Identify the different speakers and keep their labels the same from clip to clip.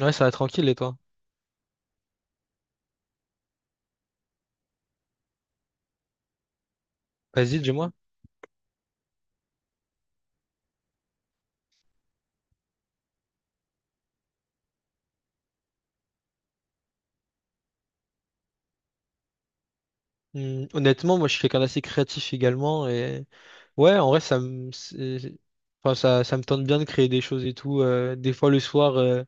Speaker 1: Ouais, ça va tranquille, et toi? Vas-y, dis-moi. Hmm, honnêtement, moi, je suis quelqu'un d'assez créatif également, et ouais, en vrai, enfin, ça me tente bien de créer des choses et tout. Des fois, le soir,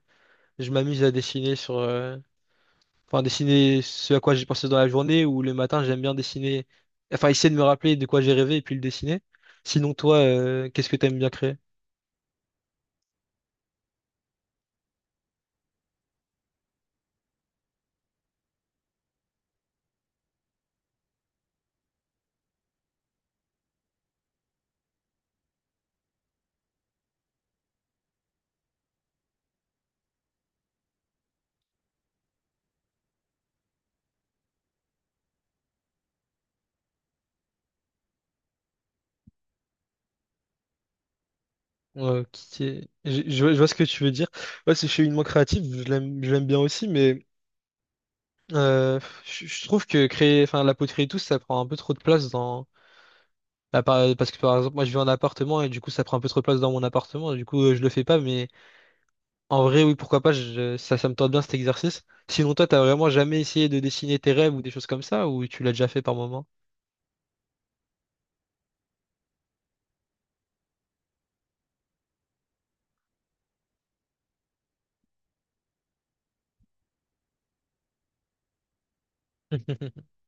Speaker 1: je m'amuse à dessiner enfin, dessiner ce à quoi j'ai pensé dans la journée, ou le matin, j'aime bien dessiner, enfin, essayer de me rappeler de quoi j'ai rêvé et puis le dessiner. Sinon, toi, qu'est-ce que t'aimes bien créer? Ouais, je vois ce que tu veux dire. Ouais, je suis une moins créative, je l'aime bien aussi, mais Euh, je trouve que créer, enfin, la poterie et tout, ça prend un peu trop de place dans. Bah, parce que par exemple, moi je vis en appartement et du coup ça prend un peu trop de place dans mon appartement, et du coup je le fais pas, mais en vrai, oui, pourquoi pas, ça me tente bien cet exercice. Sinon, toi, t'as vraiment jamais essayé de dessiner tes rêves ou des choses comme ça, ou tu l'as déjà fait par moment?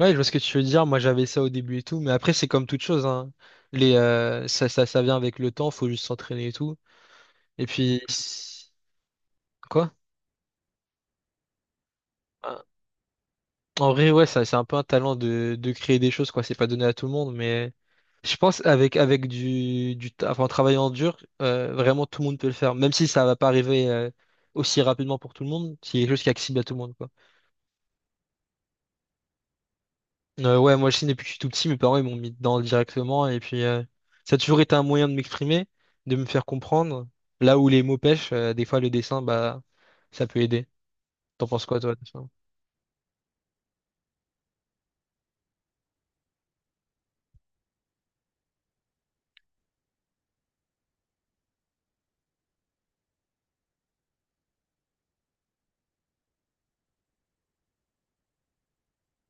Speaker 1: Ouais, je vois ce que tu veux dire. Moi, j'avais ça au début et tout, mais après, c'est comme toute chose, hein. Ça vient avec le temps, faut juste s'entraîner et tout. Et puis, quoi? En vrai, ouais, ça, c'est un peu un talent de créer des choses, quoi. C'est pas donné à tout le monde, mais je pense avec enfin, en travaillant dur, vraiment tout le monde peut le faire. Même si ça va pas arriver aussi rapidement pour tout le monde, c'est quelque chose qui est accessible à tout le monde, quoi. Ouais, moi, je sais, depuis que je suis tout petit, mes parents, ils m'ont mis dedans directement, et puis ça a toujours été un moyen de m'exprimer, de me faire comprendre. Là où les mots pêchent, des fois, le dessin, bah, ça peut aider. T'en penses quoi, toi? De ça.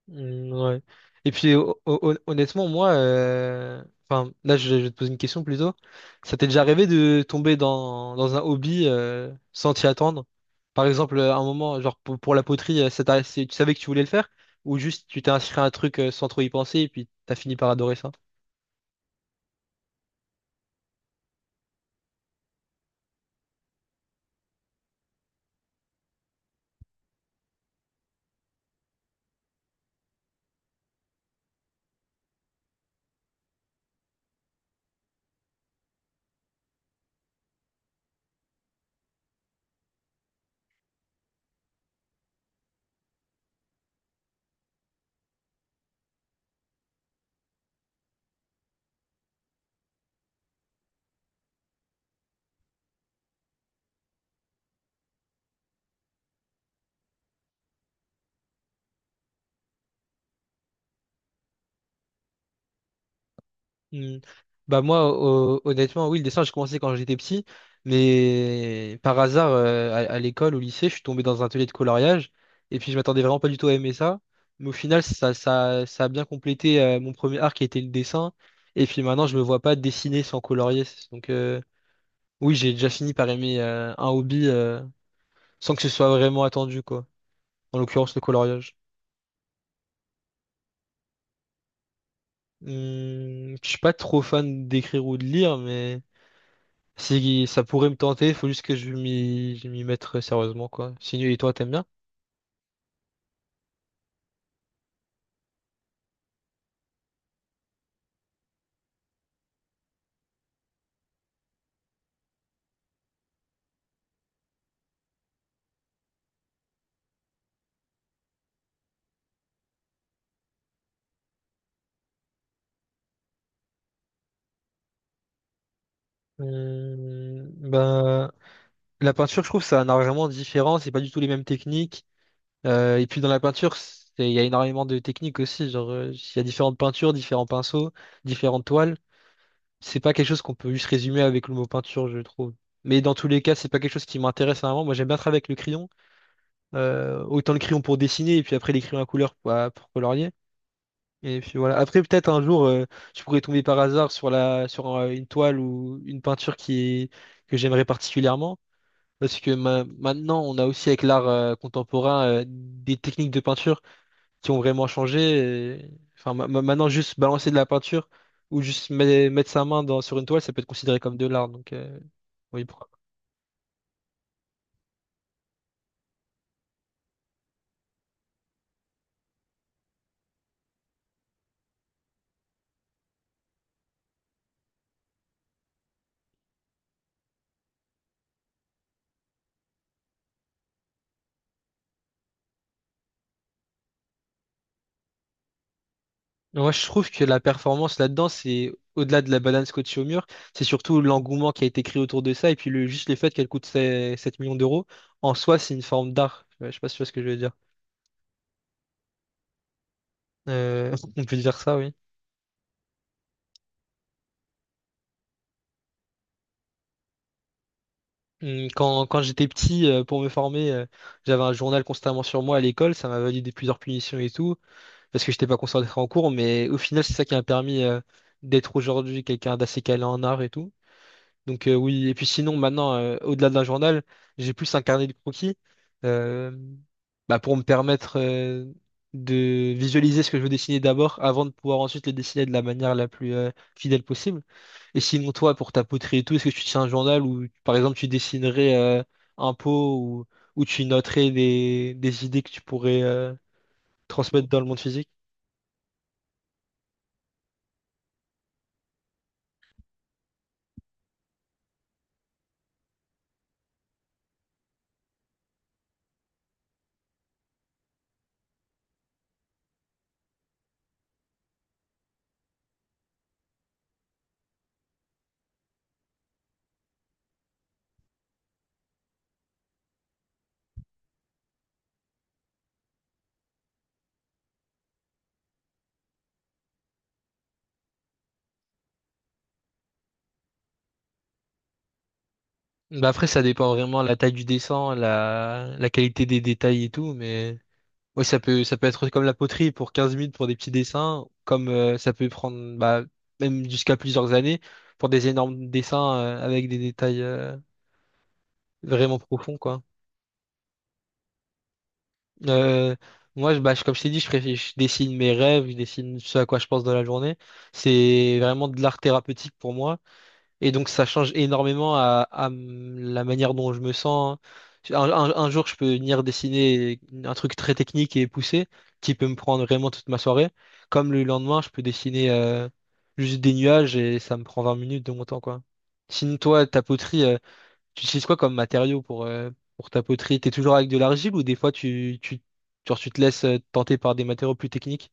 Speaker 1: Mm, ouais. Et puis honnêtement, moi, enfin là, je vais te poser une question plutôt. Ça t'est déjà arrivé de tomber dans un hobby sans t'y attendre? Par exemple, à un moment, genre pour la poterie, tu savais que tu voulais le faire ou juste tu t'es inscrit à un truc sans trop y penser et puis t'as fini par adorer ça? Hmm. Bah moi, honnêtement, oui, le dessin, j'ai commencé quand j'étais petit, mais par hasard, à l'école, au lycée, je suis tombé dans un atelier de coloriage, et puis je m'attendais vraiment pas du tout à aimer ça, mais au final, ça a bien complété mon premier art qui était le dessin, et puis maintenant, je me vois pas dessiner sans colorier, donc oui, j'ai déjà fini par aimer un hobby sans que ce soit vraiment attendu, quoi, en l'occurrence le coloriage. Hmm, je suis pas trop fan d'écrire ou de lire, mais si ça pourrait me tenter, faut juste que je m'y mette sérieusement, quoi. Sinon, et toi, t'aimes bien? Ben, la peinture, je trouve, c'est un art vraiment différent. C'est pas du tout les mêmes techniques. Et puis dans la peinture, il y a énormément de techniques aussi. Genre, il y a différentes peintures, différents pinceaux, différentes toiles. C'est pas quelque chose qu'on peut juste résumer avec le mot peinture, je trouve. Mais dans tous les cas, c'est pas quelque chose qui m'intéresse vraiment. Moi, j'aime bien travailler avec le crayon. Autant le crayon pour dessiner et puis après les crayons à couleur pour colorier. Et puis voilà. Après, peut-être un jour, je pourrais tomber par hasard sur la, sur une toile ou une peinture que j'aimerais particulièrement. Parce que maintenant, on a aussi avec l'art contemporain des techniques de peinture qui ont vraiment changé. et- Enfin, maintenant, juste balancer de la peinture ou juste mettre sa main sur une toile, ça peut être considéré comme de l'art. Donc, oui, pourquoi. Moi, je trouve que la performance là-dedans, c'est au-delà de la balance coachée au mur, c'est surtout l'engouement qui a été créé autour de ça, et puis juste le fait qu'elle coûte sept 7 millions d'euros, en soi, c'est une forme d'art. Ouais, je sais pas si tu vois ce que je veux dire. On peut dire ça, oui. Quand j'étais petit, pour me former, j'avais un journal constamment sur moi à l'école, ça m'a validé plusieurs punitions et tout, parce que j'étais pas concentré en cours, mais au final, c'est ça qui m'a permis, d'être aujourd'hui quelqu'un d'assez calé en art et tout. Donc oui, et puis sinon maintenant, au-delà de la journal, j'ai plus un carnet de croquis euh, bah, pour me permettre de visualiser ce que je veux dessiner d'abord avant de pouvoir ensuite le dessiner de la manière la plus fidèle possible. Et sinon toi, pour ta poterie et tout, est-ce que tu tiens un journal où par exemple tu dessinerais un pot ou où tu noterais des idées que tu pourrais transmettre dans le monde physique? Bah après, ça dépend vraiment de la taille du dessin, la qualité des détails et tout, mais. Oui, ça peut être comme la poterie pour 15 minutes pour des petits dessins, comme ça peut prendre bah, même jusqu'à plusieurs années pour des énormes dessins avec des détails vraiment profonds, quoi. Euh, Moi, comme je t'ai dit, je dessine mes rêves, je dessine ce à quoi je pense dans la journée. C'est vraiment de l'art thérapeutique pour moi. Et donc ça change énormément la manière dont je me sens. Hein. Un jour, je peux venir dessiner un truc très technique et poussé, qui peut me prendre vraiment toute ma soirée. Comme le lendemain, je peux dessiner juste des nuages et ça me prend 20 minutes de mon temps, quoi. Sinon, toi, ta poterie, tu utilises quoi comme matériau pour ta poterie? T'es toujours avec de l'argile ou des fois genre, tu te laisses tenter par des matériaux plus techniques?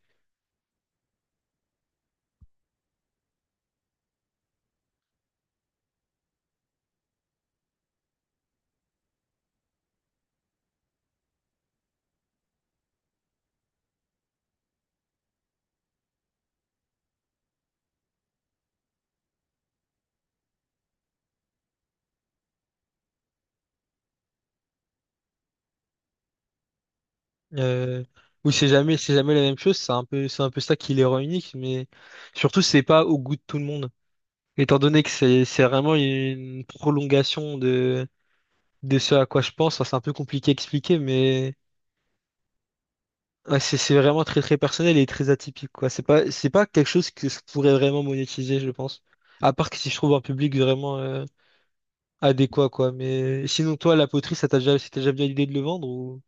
Speaker 1: Euh, ou c'est jamais la même chose, c'est un peu ça qui les rend uniques, mais surtout c'est pas au goût de tout le monde. Étant donné que c'est vraiment une prolongation de ce à quoi je pense. Enfin, c'est un peu compliqué à expliquer, mais ouais, c'est vraiment très très personnel et très atypique, quoi. C'est pas quelque chose que je pourrais vraiment monétiser, je pense. À part que si je trouve un public vraiment adéquat, quoi. Mais sinon, toi, la poterie, c'était déjà bien l'idée de le vendre ou.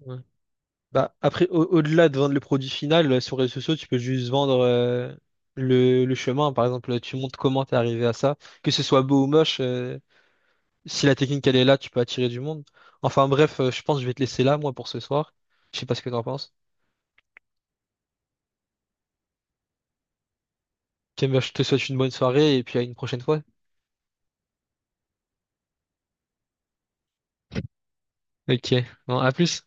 Speaker 1: Ouais. Bah, après, au-delà de vendre le produit final, sur les réseaux sociaux, tu peux juste vendre le chemin. Par exemple, tu montres comment t'es arrivé à ça. Que ce soit beau ou moche, si la technique elle est là, tu peux attirer du monde. Enfin bref, je pense que je vais te laisser là, moi, pour ce soir. Je sais pas ce que t'en penses. Ok, bah, je te souhaite une bonne soirée et puis à une prochaine fois. Ok, bon, à plus.